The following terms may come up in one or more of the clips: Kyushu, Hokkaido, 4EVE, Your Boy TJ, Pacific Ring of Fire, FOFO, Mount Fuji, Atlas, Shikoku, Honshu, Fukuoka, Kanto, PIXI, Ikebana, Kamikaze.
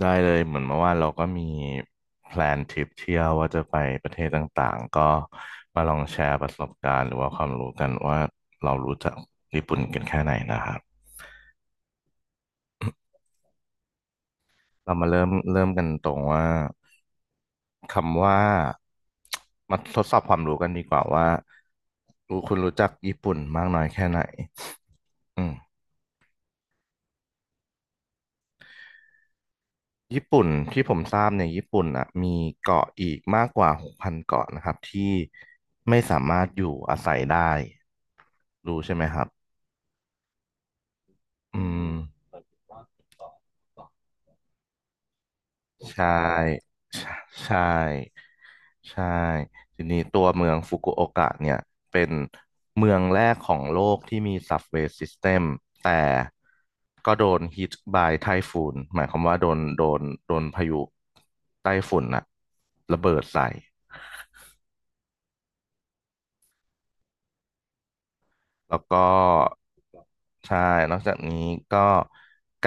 ได้เลยเหมือนเมื่อวานเราก็มีแพลนทริปเที่ยวว่าจะไปประเทศต่างๆก็มาลองแชร์ประสบการณ์หรือว่าความรู้กันว่าเรารู้จักญี่ปุ่นกันแค่ไหนนะครับเรามาเริ่มกันตรงว่าคำว่ามาทดสอบความรู้กันดีกว่าว่าคุณรู้จักญี่ปุ่นมากน้อยแค่ไหนอืม ญี่ปุ่นที่ผมทราบเนี่ยญี่ปุ่นอ่ะมีเกาะอีกมากกว่า6,000เกาะนะครับที่ไม่สามารถอยู่อาศัยได้รู้ใช่ไหมครับอืมใช่ใช่ใช่ใช่ทีนี้ตัวเมืองฟุกุโอกะเนี่ยเป็นเมืองแรกของโลกที่มีซับเวย์ซิสเต็มแต่ก็โดนฮิตบายไทฟูนหมายความว่าโดนพายุไต้ฝุ่นอะระเบิดใส่ แล้วก็ใช่นอกจากนี้ก็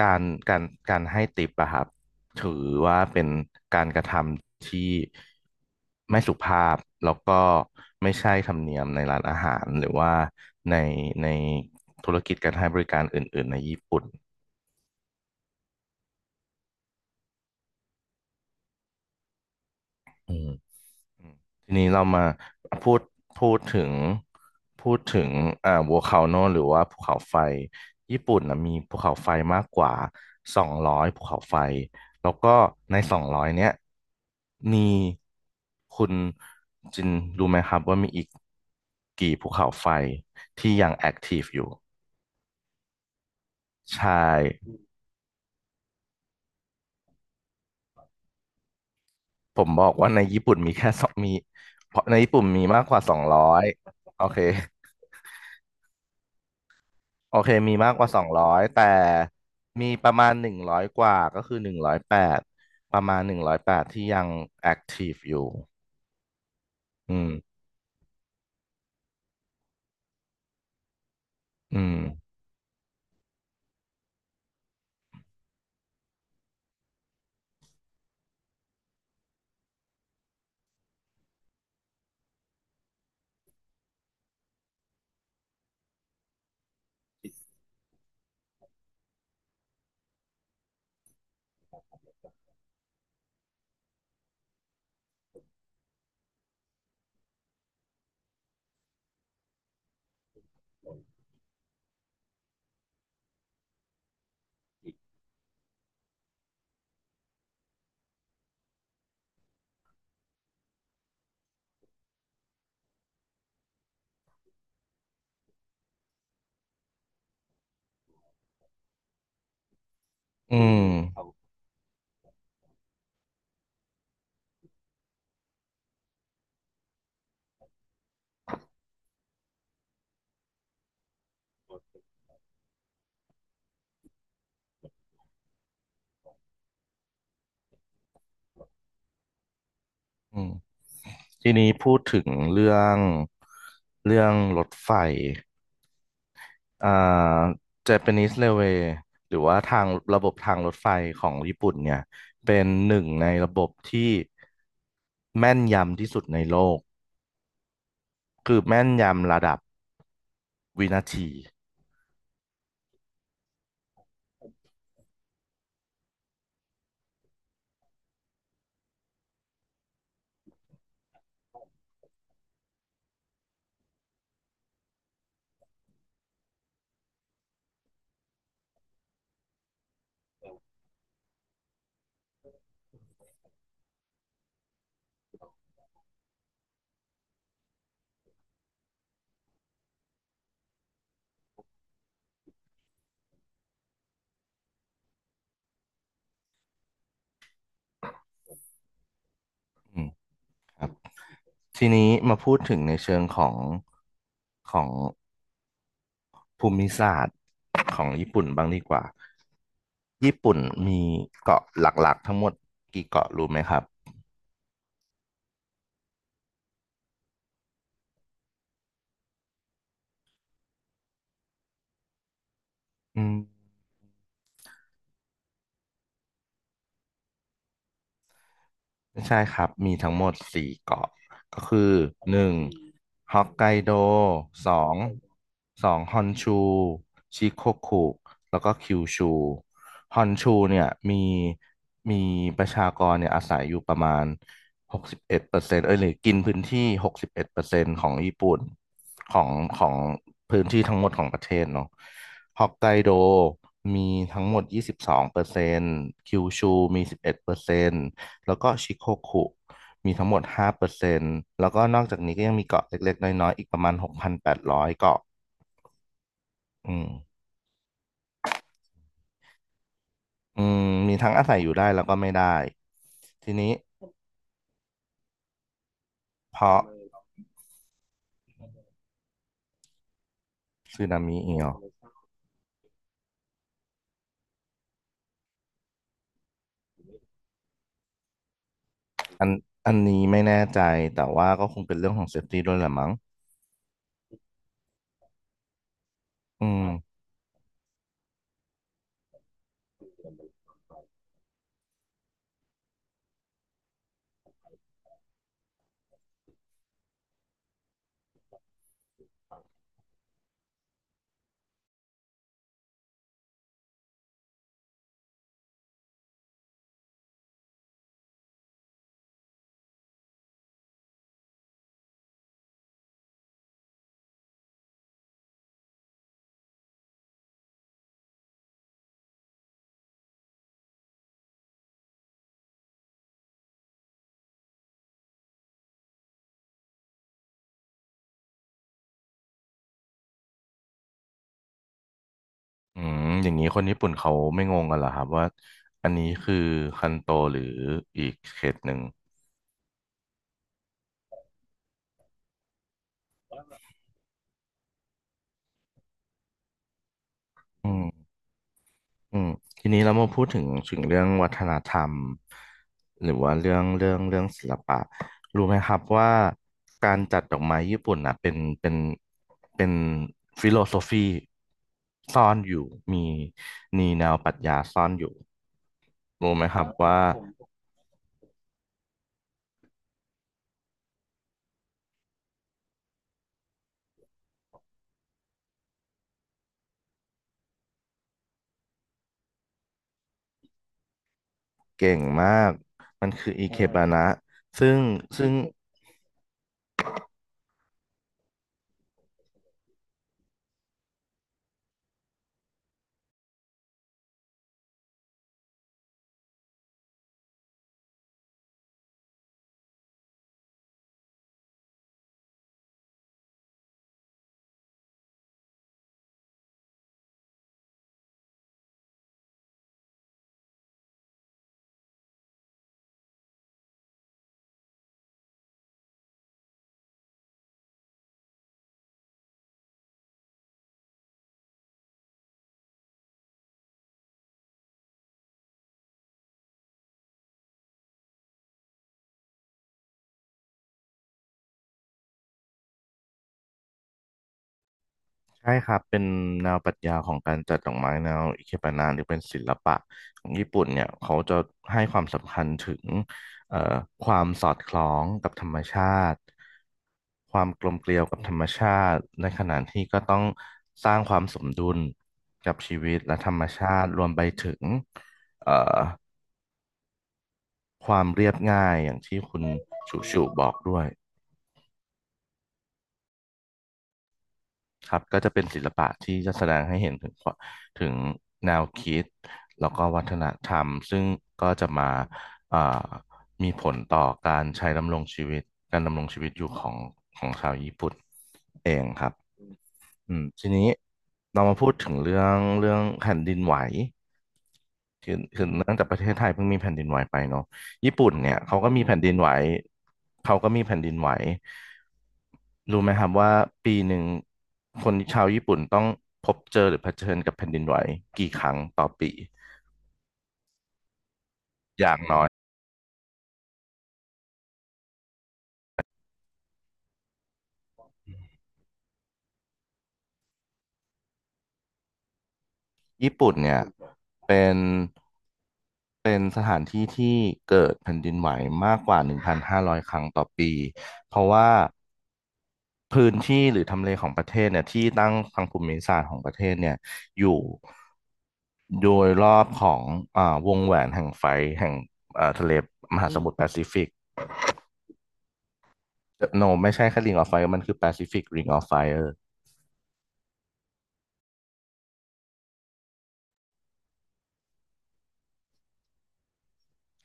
การการการให้ติปอะครับถือว่าเป็นการกระทำที่ไม่สุภาพแล้วก็ไม่ใช่ธรรมเนียมในร้านอาหารหรือว่าในในธุรกิจการให้บริการอื่นๆในญี่ปุ่นอืม ทีนี้เรามาพูดพูดถึงพูดถึงวัวคาโนหรือว่าภูเขาไฟญี่ปุ่นนะมีภูเขาไฟมากกว่าสองร้อยภูเขาไฟแล้วก็ในสองร้อยเนี้ยมีคุณจินรู้ไหมครับว่ามีอีกกี่ภูเขาไฟที่ยังแอคทีฟอยู่ใช่ผมบอกว่าในญี่ปุ่นมีแค่สองเพราะในญี่ปุ่นมีมากกว่าสองร้อยโอเค โอเคมีมากกว่า200แต่มีประมาณหนึ่งร้อยกว่าก็คือหนึ่งร้อยแปดประมาณหนึ่งร้อยแปดที่ยังแอคทีฟอยู่อืมอืมอืมอืมทีนี้พูดถึงเรื่องรถไฟอ่า Japanese Railway หรือว่าทางระบบทางรถไฟของญี่ปุ่นเนี่ยเป็นหนึ่งในระบบที่แม่นยำที่สุดในโลกคือแม่นยำระดับวินาทีอืมครับ ทีนี้มาพูดถึงในเชิงของของภูมิศาสตร์ของญี่ปุ่นบ้างดีกว่า ญี่ปุ่นมีเกาะหลักๆทั้งหมดกี่เกาะรู้ไหมครับอืม ไม่ใช่ครับ มีทั้งหมด4เกาะก็คือหนึ่งฮอกไกโดสองสองฮอนชูชิโกคุแล้วก็คิวชูฮอนชูเนี่ยมีประชากรเนี่ยอาศัยอยู่ประมาณหกสิบเอ็ดเปอร์เซ็นต์เอ้ยหรือกินพื้นที่หกสิบเอ็ดเปอร์เซ็นต์ของญี่ปุ่นของของพื้นที่ทั้งหมดของประเทศเนาะฮอกไกโดมีทั้งหมด22%คิวชูมีสิบเอ็ดเปอร์เซ็นต์ แล้วก็ชิโคคุมีทั้งหมด5%แล้วก็นอกจากนี้ก็ยังมีเกาะเล็กๆน้อยๆอีกประมาณ6,800เกาะอืมอืมมีทั้งอาศัยอยู่ได้แล้วก็ไม่ได้ ทีนี้เพราะสึนามิอีกเหรออันอันนี้ไม่แน่ใจแต่ว่าก็คงเป็นเรื่องของเซฟตี้ด้วยแหละมั้งอืมอืมอย่างนี้คนญี่ปุ่นเขาไม่งงกันเหรอครับว่าอันนี้คือคันโตหรืออีกเขตหนึ่งอืม อืมทีนี้เรามาพูดถึงเรื่องวัฒนธรรมหรือว่าเรื่องศิลปะรู้ไหมครับว่าการจัดดอกไม้ญี่ปุ่นนะเป็นฟิโลโซฟีซ่อนอยู่มีมีแนวปรัชญาซ่อนอยู่รู้ไหมครับว่าเก่งมากมันคืออิเคบานะซึ่งซึ่ง ใช่ครับเป็นแนวปรัชญาของการจัดดอกไม้แนวอิเคบานะหรือเป็นศิลปะของญี่ปุ่นเนี่ยเขาจะให้ความสำคัญถึงเอ่อความสอดคล้องกับธรรมชาติความกลมเกลียวกับธรรมชาติในขณะที่ก็ต้องสร้างความสมดุลกับชีวิตและธรรมชาติรวมไปถึงเอ่อความเรียบง่ายอย่างที่คุณชูชูบอกด้วย ครับก็จะเป็นศิลปะที่จะแสดงให้เห็นถึงความถึงแนวคิดแล้วก็วัฒนธรรมซึ่งก็จะมาเอ่อมีผลต่อการใช้ดำรงชีวิตการดำรงชีวิตอยู่ของชาวญี่ปุ่นเองครับอืมทีนี้เรามาพูดถึงเรื่องแผ่นดินไหว คือเนื่องจากประเทศไทยเพิ่งมีแผ่นดินไหวไปเนาะญี่ปุ่นเนี่ยเขาก็มีแผ่นดินไหวเขาก็มีแผ่นดินไหวรู้ไหมครับว่าปีหนึ่งคนชาวญี่ปุ่นต้องพบเจอหรือเผชิญกับแผ่นดินไหวกี่ครั้งต่อปีอย่างน้อยญี่ปุ่นเนี่ยเป็นเป็นสถานที่ที่เกิดแผ่นดินไหวมากกว่า1,500ครั้งต่อปีเพราะว่า พื้นที่หรือทำเลของประเทศเนี่ยที่ตั้งทางภูมิศาสตร์ของประเทศเนี่ยอยู่โดยรอบของวงแหวนแห่งไฟแห่งทะเลมหาอืสมมุทรแปซิฟิกโนไม่ใช่แค่ Ring of Fire มันคือ Pacific Ring of Fire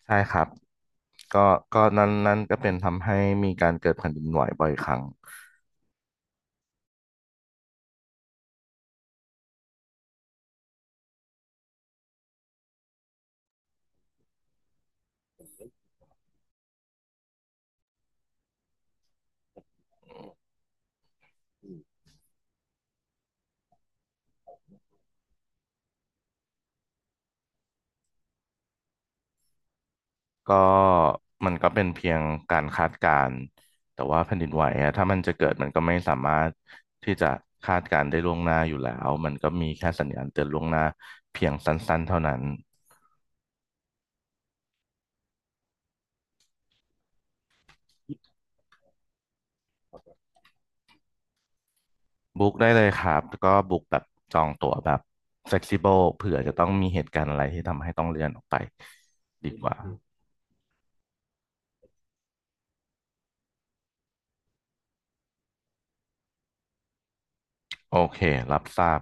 ใช่ครับก็ก็นั้นก็เป็นทำให้มีการเกิดแผ่นดินไหวบ่อยครั้ง ก็มันก็เป็นเพียงการคาดการณ์แต่ว่าแผ่นดินไหวอะถ้ามันจะเกิดมันก็ไม่สามารถที่จะคาดการณ์ได้ล่วงหน้าอยู่แล้วมันก็มีแค่สัญญาณเตือนล่วงหน้าเพียงสั้นๆเท่านั้นบุ๊กได้เลยครับก็บุ๊กแบบจองตั๋วแบบ flexible เผื่อจะต้องมีเหตุการณ์อะไรที่ทำให้ต้องเลื่อนออกไปดีกว่าโอเครับทราบ